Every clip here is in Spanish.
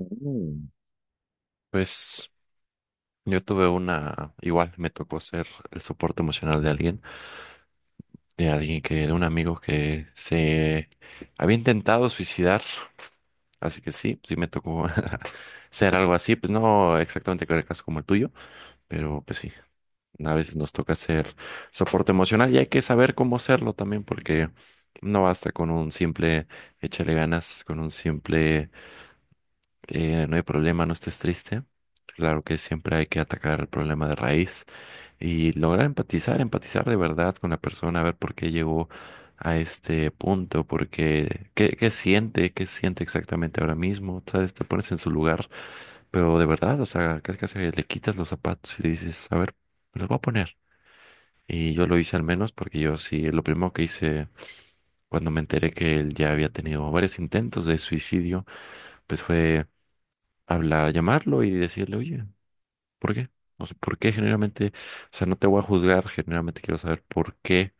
Mm. Pues yo tuve una, igual me tocó ser el soporte emocional de alguien, de un amigo que se había intentado suicidar, así que sí, sí me tocó ser algo así, pues no exactamente con el caso como el tuyo, pero pues sí, a veces nos toca ser soporte emocional y hay que saber cómo serlo también porque no basta con un simple échale ganas, con un simple eh, no hay problema, no estés triste. Claro que siempre hay que atacar el problema de raíz y lograr empatizar, empatizar de verdad con la persona, a ver por qué llegó a este punto, porque qué siente exactamente ahora mismo, ¿sabes? Te pones en su lugar, pero de verdad, o sea, casi casi le quitas los zapatos y le dices, a ver, me los voy a poner. Y yo lo hice al menos porque yo sí, lo primero que hice cuando me enteré que él ya había tenido varios intentos de suicidio, pues fue hablar, llamarlo y decirle, oye, ¿por qué? O sea, ¿por qué generalmente? O sea, no te voy a juzgar, generalmente quiero saber por qué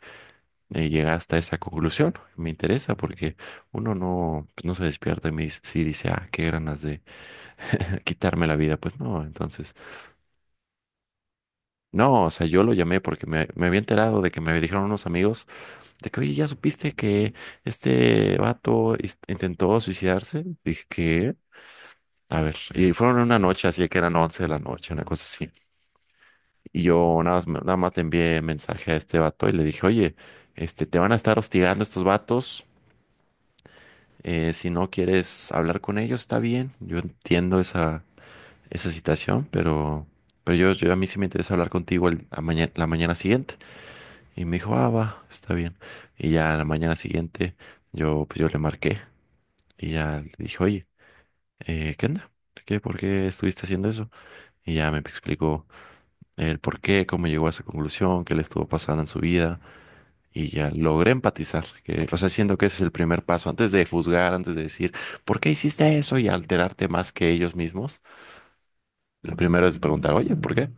llegaste a esa conclusión. Me interesa porque uno no, pues, no se despierta y me dice, sí, dice, ah, qué ganas de quitarme la vida. Pues no, entonces, no, o sea, yo lo llamé porque me había enterado de que me dijeron unos amigos de que, oye, ¿ya supiste que este vato intentó suicidarse? Dije, ¿qué? A ver, y fueron en una noche, así que eran 11 de la noche, una cosa así. Y yo nada más, nada más le envié mensaje a este vato y le dije, oye, este, te van a estar hostigando estos vatos. Eh, si no quieres hablar con ellos, está bien. Yo entiendo esa situación, pero, pero a mí sí me interesa hablar contigo la mañana siguiente. Y me dijo, ah, va, está bien. Y ya la mañana siguiente yo, pues yo le marqué y ya le dije, oye, ¿qué onda? ¿Qué, por qué estuviste haciendo eso? Y ya me explicó el por qué, cómo llegó a esa conclusión, qué le estuvo pasando en su vida. Y ya logré empatizar, que, o sea, siento que ese es el primer paso, antes de juzgar, antes de decir, ¿por qué hiciste eso? Y alterarte más que ellos mismos. Lo primero es preguntar, oye, ¿por qué?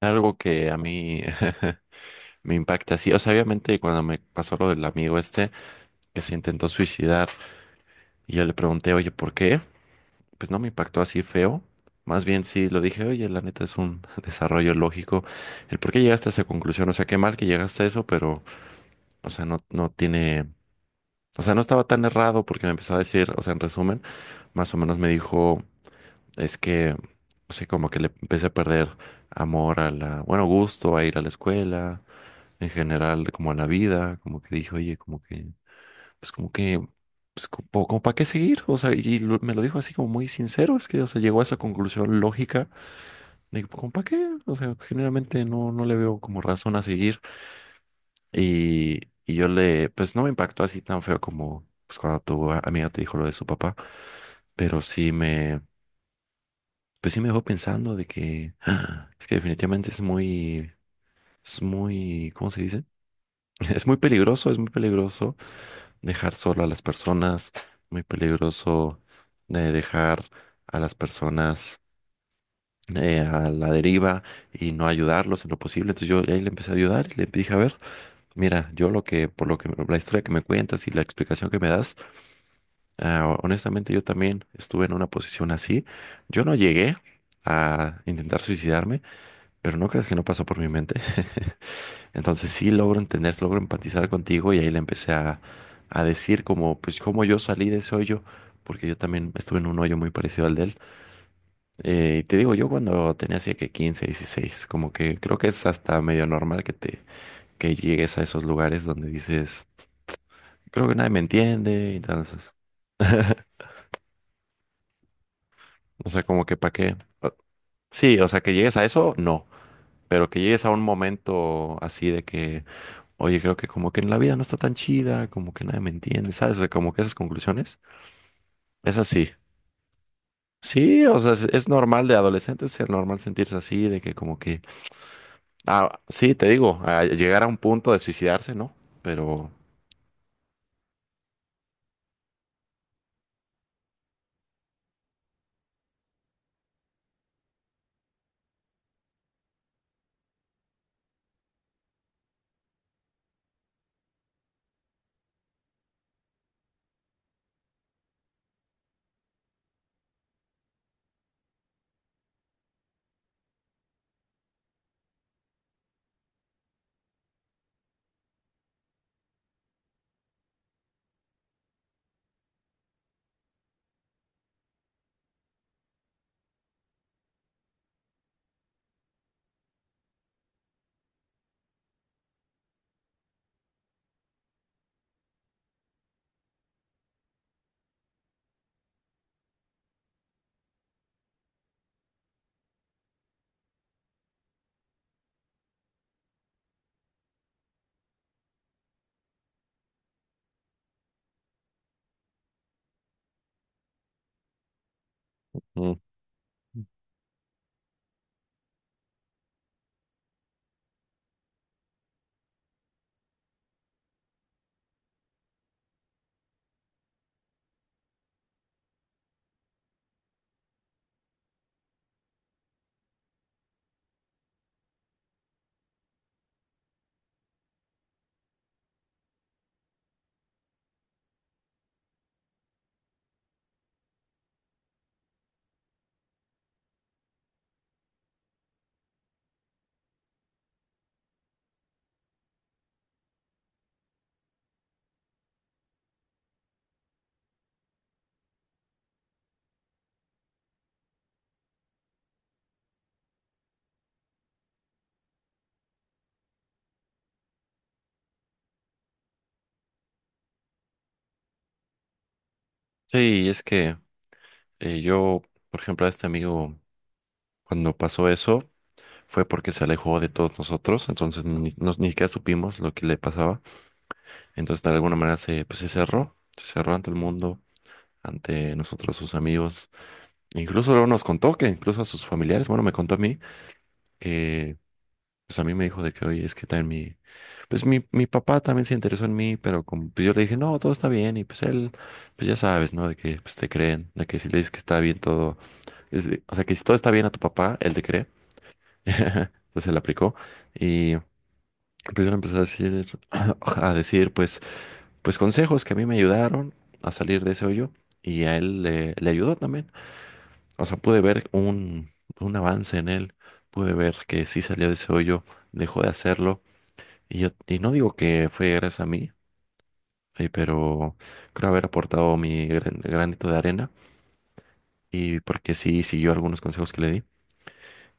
Algo que a mí me impacta así. O sea, obviamente cuando me pasó lo del amigo este que se intentó suicidar y yo le pregunté, oye, ¿por qué? Pues no me impactó así feo. Más bien sí lo dije, oye, la neta es un desarrollo lógico. El por qué llegaste a esa conclusión. O sea, qué mal que llegaste a eso, pero, o sea, no, no tiene. O sea, no estaba tan errado porque me empezó a decir, o sea, en resumen, más o menos me dijo, es que, no sé, como que le empecé a perder amor a la, bueno, gusto a ir a la escuela, en general, como a la vida, como que dije, oye, como que, pues como que, pues como, como para qué seguir, o sea, y me lo dijo así como muy sincero, es que, o sea, llegó a esa conclusión lógica de, como para qué, o sea, generalmente no, no le veo como razón a seguir. Y yo le, pues no me impactó así tan feo como pues cuando tu amiga te dijo lo de su papá, pero sí me, pues sí me dejó pensando de que ah, es que definitivamente es muy, ¿cómo se dice? Es muy peligroso dejar solo a las personas, muy peligroso de dejar a las personas a la deriva y no ayudarlos en lo posible. Entonces yo ahí le empecé a ayudar y le dije, a ver. Mira, yo lo que, por lo que, la historia que me cuentas y la explicación que me das, ah, honestamente yo también estuve en una posición así. Yo no llegué a intentar suicidarme, pero no creas que no pasó por mi mente. Entonces sí logro entender, logro empatizar contigo y ahí le empecé a decir como, pues cómo yo salí de ese hoyo, porque yo también estuve en un hoyo muy parecido al de él. Y te digo, yo cuando tenía así que 15, 16, como que creo que es hasta medio normal que te, que llegues a esos lugares donde dices creo que nadie me entiende, y entonces, o sea, como que para qué. O-. Sí, o sea, que llegues a eso, no, pero que llegues a un momento así de que, oye, creo que como que en la vida no está tan chida, como que nadie me entiende, ¿sabes? De como que esas conclusiones, es así. Sí, o sea, es normal de adolescentes, es normal sentirse así, de que como que, ah, sí, te digo, a llegar a un punto de suicidarse, ¿no? Pero, mm, sí, es que yo, por ejemplo, a este amigo, cuando pasó eso, fue porque se alejó de todos nosotros, entonces ni siquiera supimos lo que le pasaba. Entonces, de alguna manera pues, se cerró ante el mundo, ante nosotros, sus amigos. Incluso luego nos contó que incluso a sus familiares, bueno, me contó a mí que, pues a mí me dijo de que, oye, es que también pues mi papá también se interesó en mí, pero como, pues yo le dije, no, todo está bien, y pues él, pues ya sabes, ¿no? De que pues te creen, de que si le dices que está bien todo, es de-. O sea, que si todo está bien a tu papá, él te cree. Entonces él aplicó y... Primero empezó a decir, a decir, pues, pues consejos que a mí me ayudaron a salir de ese hoyo y a él le ayudó también. O sea, pude ver un avance en él, pude ver que sí salió de ese hoyo, dejó de hacerlo. Y yo, y no digo que fue gracias a mí, pero creo haber aportado mi granito de arena y porque sí siguió algunos consejos que le di.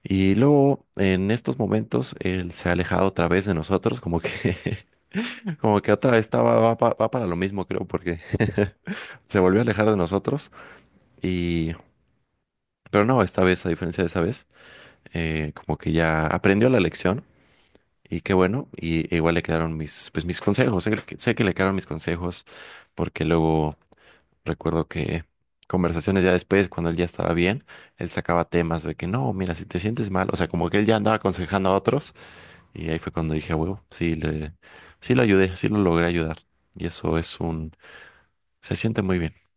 Y luego, en estos momentos, él se ha alejado otra vez de nosotros, como que como que otra vez estaba, va, va para lo mismo, creo, porque se volvió a alejar de nosotros. Y, pero no, esta vez, a diferencia de esa vez, como que ya aprendió la lección y qué bueno. Y igual le quedaron mis, pues, mis consejos. Sé que le quedaron mis consejos porque luego recuerdo que conversaciones ya después, cuando él ya estaba bien, él sacaba temas de que no, mira, si te sientes mal, o sea, como que él ya andaba aconsejando a otros. Y ahí fue cuando dije, a huevo, sí, sí lo ayudé, sí lo logré ayudar. Y eso es un. Se siente muy bien.